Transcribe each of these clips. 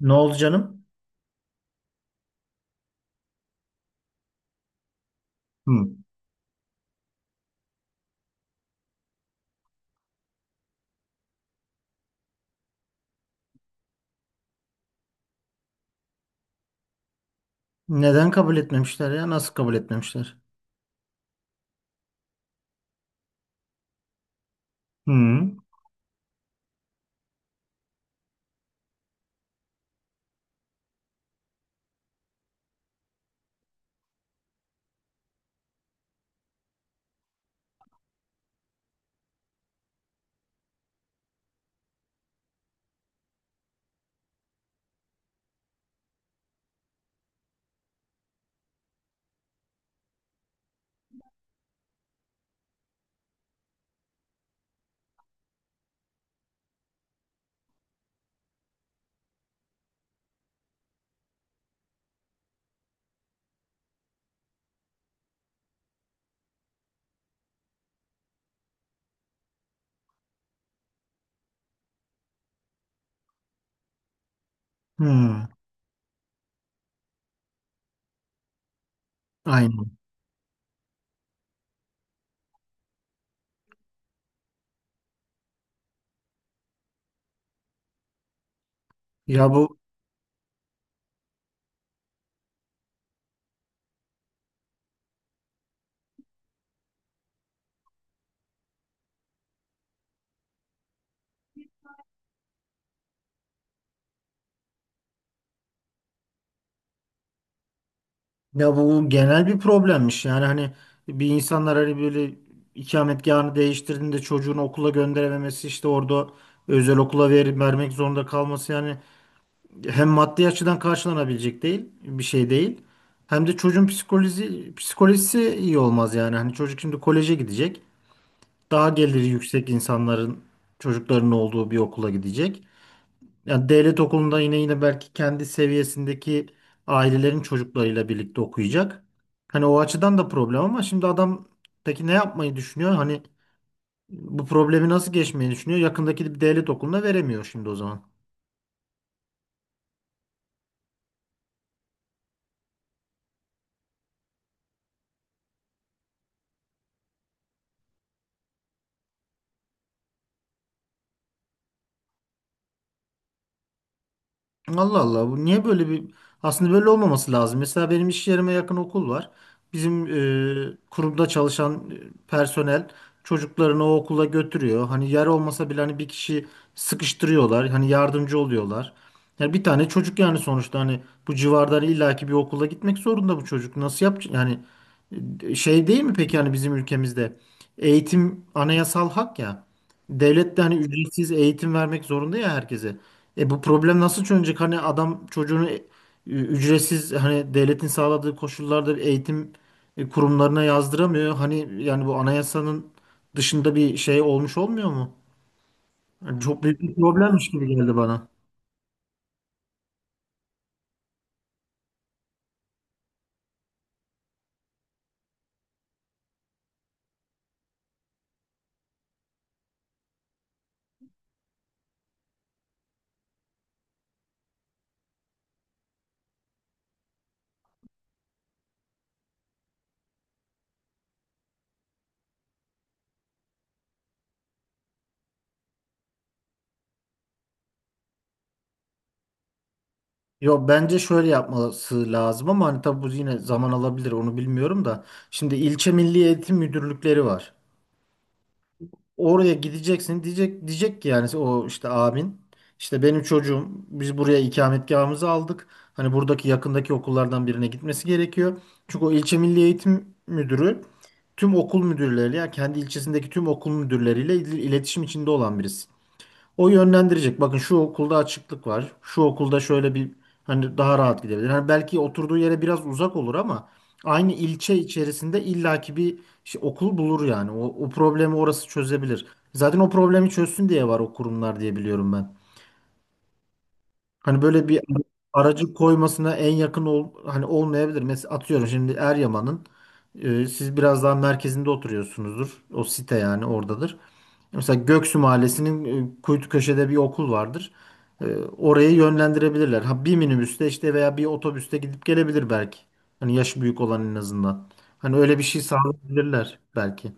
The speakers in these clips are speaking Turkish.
Ne oldu canım? Hı. Neden kabul etmemişler ya? Nasıl kabul etmemişler? Hı. Hmm, aynen. Ya bu ya bu genel bir problemmiş. Yani hani insanlar hani böyle ikametgahını değiştirdiğinde çocuğunu okula gönderememesi, işte orada özel okula ver, vermek zorunda kalması yani, hem maddi açıdan karşılanabilecek değil, bir şey değil. Hem de çocuğun psikolojisi iyi olmaz yani. Hani çocuk şimdi koleje gidecek, daha geliri yüksek insanların çocuklarının olduğu bir okula gidecek. Yani devlet okulunda yine belki kendi seviyesindeki ailelerin çocuklarıyla birlikte okuyacak. Hani o açıdan da problem, ama şimdi adam peki ne yapmayı düşünüyor? Hani bu problemi nasıl geçmeyi düşünüyor? Yakındaki bir devlet okuluna veremiyor şimdi o zaman. Allah Allah, bu niye böyle bir, aslında böyle olmaması lazım. Mesela benim iş yerime yakın okul var. Bizim kurumda çalışan personel çocuklarını o okula götürüyor. Hani yer olmasa bile hani bir kişi sıkıştırıyorlar. Hani yardımcı oluyorlar. Yani bir tane çocuk, yani sonuçta hani bu civardan illaki bir okula gitmek zorunda bu çocuk. Nasıl yapacak? Yani şey, değil mi peki, hani bizim ülkemizde eğitim anayasal hak ya. Devlet de hani ücretsiz eğitim vermek zorunda ya herkese. E bu problem nasıl çözülecek? Hani adam çocuğunu ücretsiz hani devletin sağladığı koşullarda bir eğitim kurumlarına yazdıramıyor. Hani yani bu anayasanın dışında bir şey olmuş olmuyor mu? Yani çok büyük bir problemmiş gibi geldi bana. Yok, bence şöyle yapması lazım, ama hani tabii bu yine zaman alabilir, onu bilmiyorum da. Şimdi ilçe milli eğitim müdürlükleri var. Oraya gideceksin, diyecek ki yani, o işte abin, işte benim çocuğum, biz buraya ikametgahımızı aldık. Hani buradaki yakındaki okullardan birine gitmesi gerekiyor. Çünkü o ilçe milli eğitim müdürü tüm okul müdürleriyle, yani kendi ilçesindeki tüm okul müdürleriyle iletişim içinde olan birisi. O yönlendirecek. Bakın şu okulda açıklık var. Şu okulda şöyle bir, hani daha rahat gidebilir. Hani belki oturduğu yere biraz uzak olur ama aynı ilçe içerisinde illaki bir şey, okul bulur yani. O problemi orası çözebilir. Zaten o problemi çözsün diye var o kurumlar diye biliyorum ben. Hani böyle bir aracı koymasına en yakın hani olmayabilir. Mesela atıyorum şimdi Eryaman'ın siz biraz daha merkezinde oturuyorsunuzdur. O site yani oradadır. Mesela Göksu Mahallesi'nin kuytu köşede bir okul vardır. Orayı yönlendirebilirler. Ha, bir minibüste işte veya bir otobüste gidip gelebilir belki. Hani yaşı büyük olan en azından. Hani öyle bir şey sağlayabilirler belki.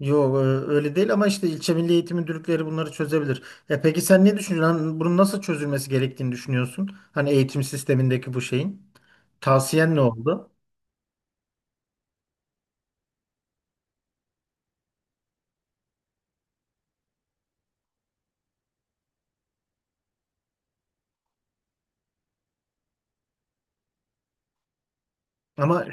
Yok öyle değil, ama işte ilçe milli eğitim müdürlükleri bunları çözebilir. E peki sen ne düşünüyorsun? Hani bunun nasıl çözülmesi gerektiğini düşünüyorsun? Hani eğitim sistemindeki bu şeyin. Tavsiyen ne oldu? Ama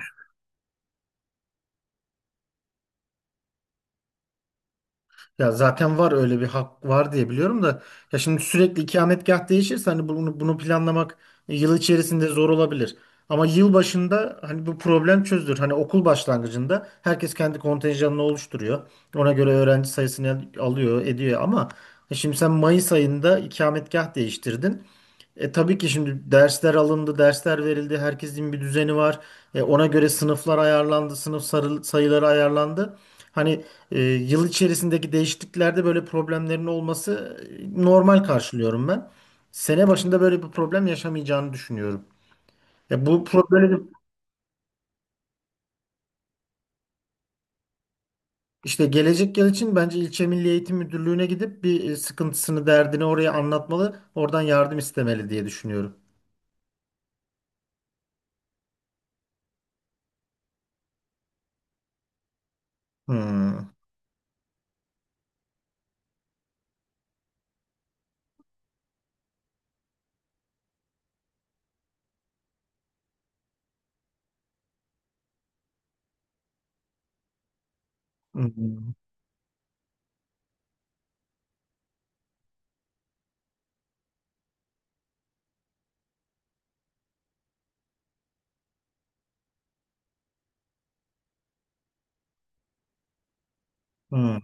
ya zaten var, öyle bir hak var diye biliyorum da, ya şimdi sürekli ikametgah değişirse hani bunu planlamak yıl içerisinde zor olabilir. Ama yıl başında hani bu problem çözülür. Hani okul başlangıcında herkes kendi kontenjanını oluşturuyor. Ona göre öğrenci sayısını alıyor, ediyor, ama şimdi sen Mayıs ayında ikametgah değiştirdin. E, tabii ki şimdi dersler alındı, dersler verildi, herkesin bir düzeni var. E, ona göre sınıflar ayarlandı, sayıları ayarlandı. Hani yıl içerisindeki değişikliklerde böyle problemlerin olması normal karşılıyorum ben. Sene başında böyle bir problem yaşamayacağını düşünüyorum. E, bu böyle bir, işte gelecek yıl için bence ilçe Milli Eğitim Müdürlüğü'ne gidip bir sıkıntısını, derdini oraya anlatmalı, oradan yardım istemeli diye düşünüyorum. Hmm. Hmm. Hmm.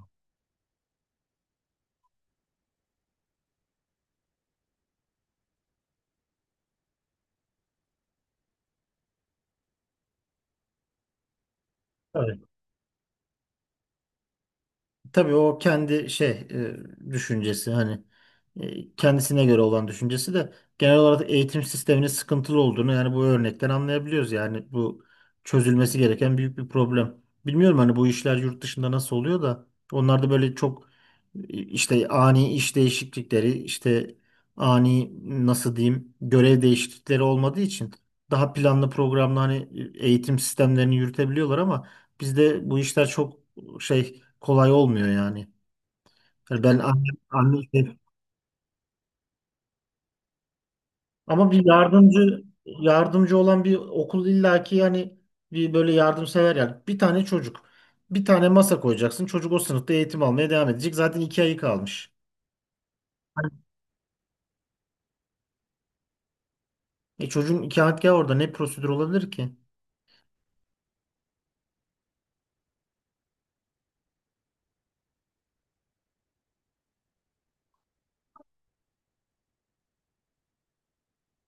Tabii o kendi şey düşüncesi, hani kendisine göre olan düşüncesi de, genel olarak eğitim sisteminin sıkıntılı olduğunu yani bu örnekten anlayabiliyoruz. Yani bu çözülmesi gereken büyük bir problem. Bilmiyorum hani bu işler yurt dışında nasıl oluyor da, onlarda böyle çok işte ani iş değişiklikleri, işte ani, nasıl diyeyim, görev değişiklikleri olmadığı için daha planlı programlı hani eğitim sistemlerini yürütebiliyorlar, ama bizde bu işler çok şey, kolay olmuyor yani. Yani ben annem, ama bir yardımcı olan bir okul illaki yani, bir böyle yardımsever, yani bir tane çocuk, bir tane masa koyacaksın, çocuk o sınıfta eğitim almaya devam edecek, zaten iki ayı kalmış. Hani, e çocuğun ikametgahı orada, ne prosedür olabilir ki?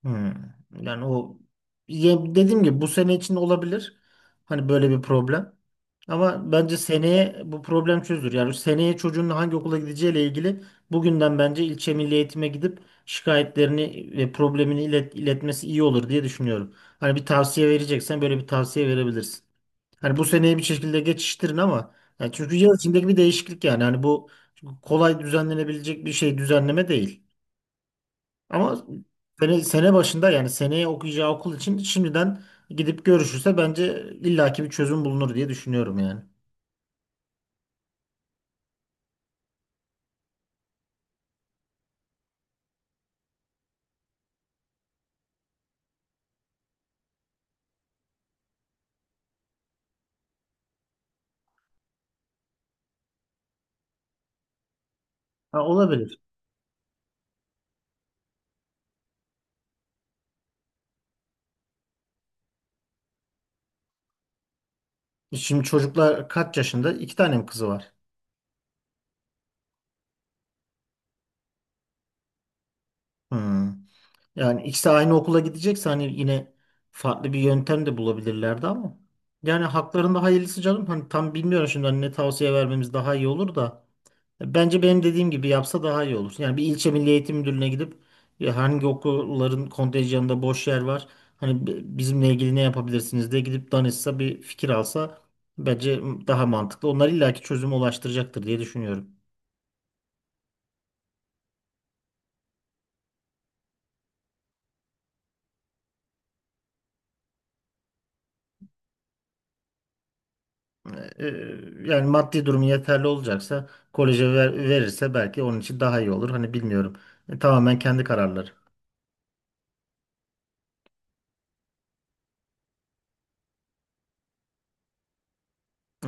Hmm. Yani o, ya dediğim gibi bu sene için olabilir. Hani böyle bir problem. Ama bence seneye bu problem çözülür. Yani seneye çocuğun hangi okula gideceğiyle ilgili bugünden bence ilçe milli eğitime gidip şikayetlerini ve problemini iletmesi iyi olur diye düşünüyorum. Hani bir tavsiye vereceksen böyle bir tavsiye verebilirsin. Hani bu seneye bir şekilde geçiştirin, ama yani çünkü yıl içindeki bir değişiklik yani. Hani bu kolay düzenlenebilecek bir şey, düzenleme değil. Ama sene başında, yani seneye okuyacağı okul için şimdiden gidip görüşürse bence illaki bir çözüm bulunur diye düşünüyorum yani. Ha, olabilir. Şimdi çocuklar kaç yaşında? İki tane mi kızı var? Hmm. Yani ikisi aynı okula gidecekse hani yine farklı bir yöntem de bulabilirlerdi ama. Yani haklarında hayırlısı canım. Hani tam bilmiyorum şimdi hani ne tavsiye vermemiz daha iyi olur da. Bence benim dediğim gibi yapsa daha iyi olur. Yani bir ilçe Milli Eğitim Müdürlüğü'ne gidip, ya hangi okulların kontenjanında boş yer var? Hani bizimle ilgili ne yapabilirsiniz diye gidip danışsa, bir fikir alsa bence daha mantıklı. Onlar illaki çözüme ulaştıracaktır diye düşünüyorum. E, yani maddi durumu yeterli olacaksa koleje verirse belki onun için daha iyi olur. Hani bilmiyorum. E, tamamen kendi kararları.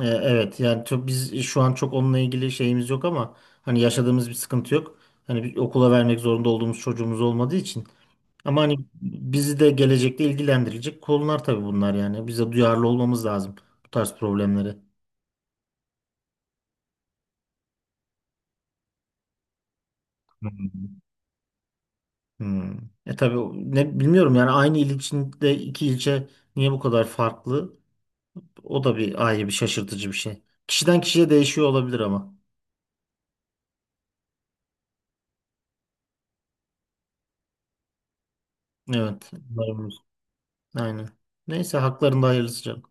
E, evet yani çok, biz şu an çok onunla ilgili şeyimiz yok, ama hani yaşadığımız bir sıkıntı yok. Hani bir okula vermek zorunda olduğumuz çocuğumuz olmadığı için. Ama hani bizi de gelecekte ilgilendirecek konular tabii bunlar yani. Bize duyarlı olmamız lazım bu tarz problemlere. Hmm. Hmm. E tabii ne bilmiyorum yani, aynı il içinde iki ilçe niye bu kadar farklı? O da bir ayrı bir şaşırtıcı bir şey. Kişiden kişiye değişiyor olabilir ama. Evet. Doğru. Aynen. Neyse haklarında hayırlısı canım.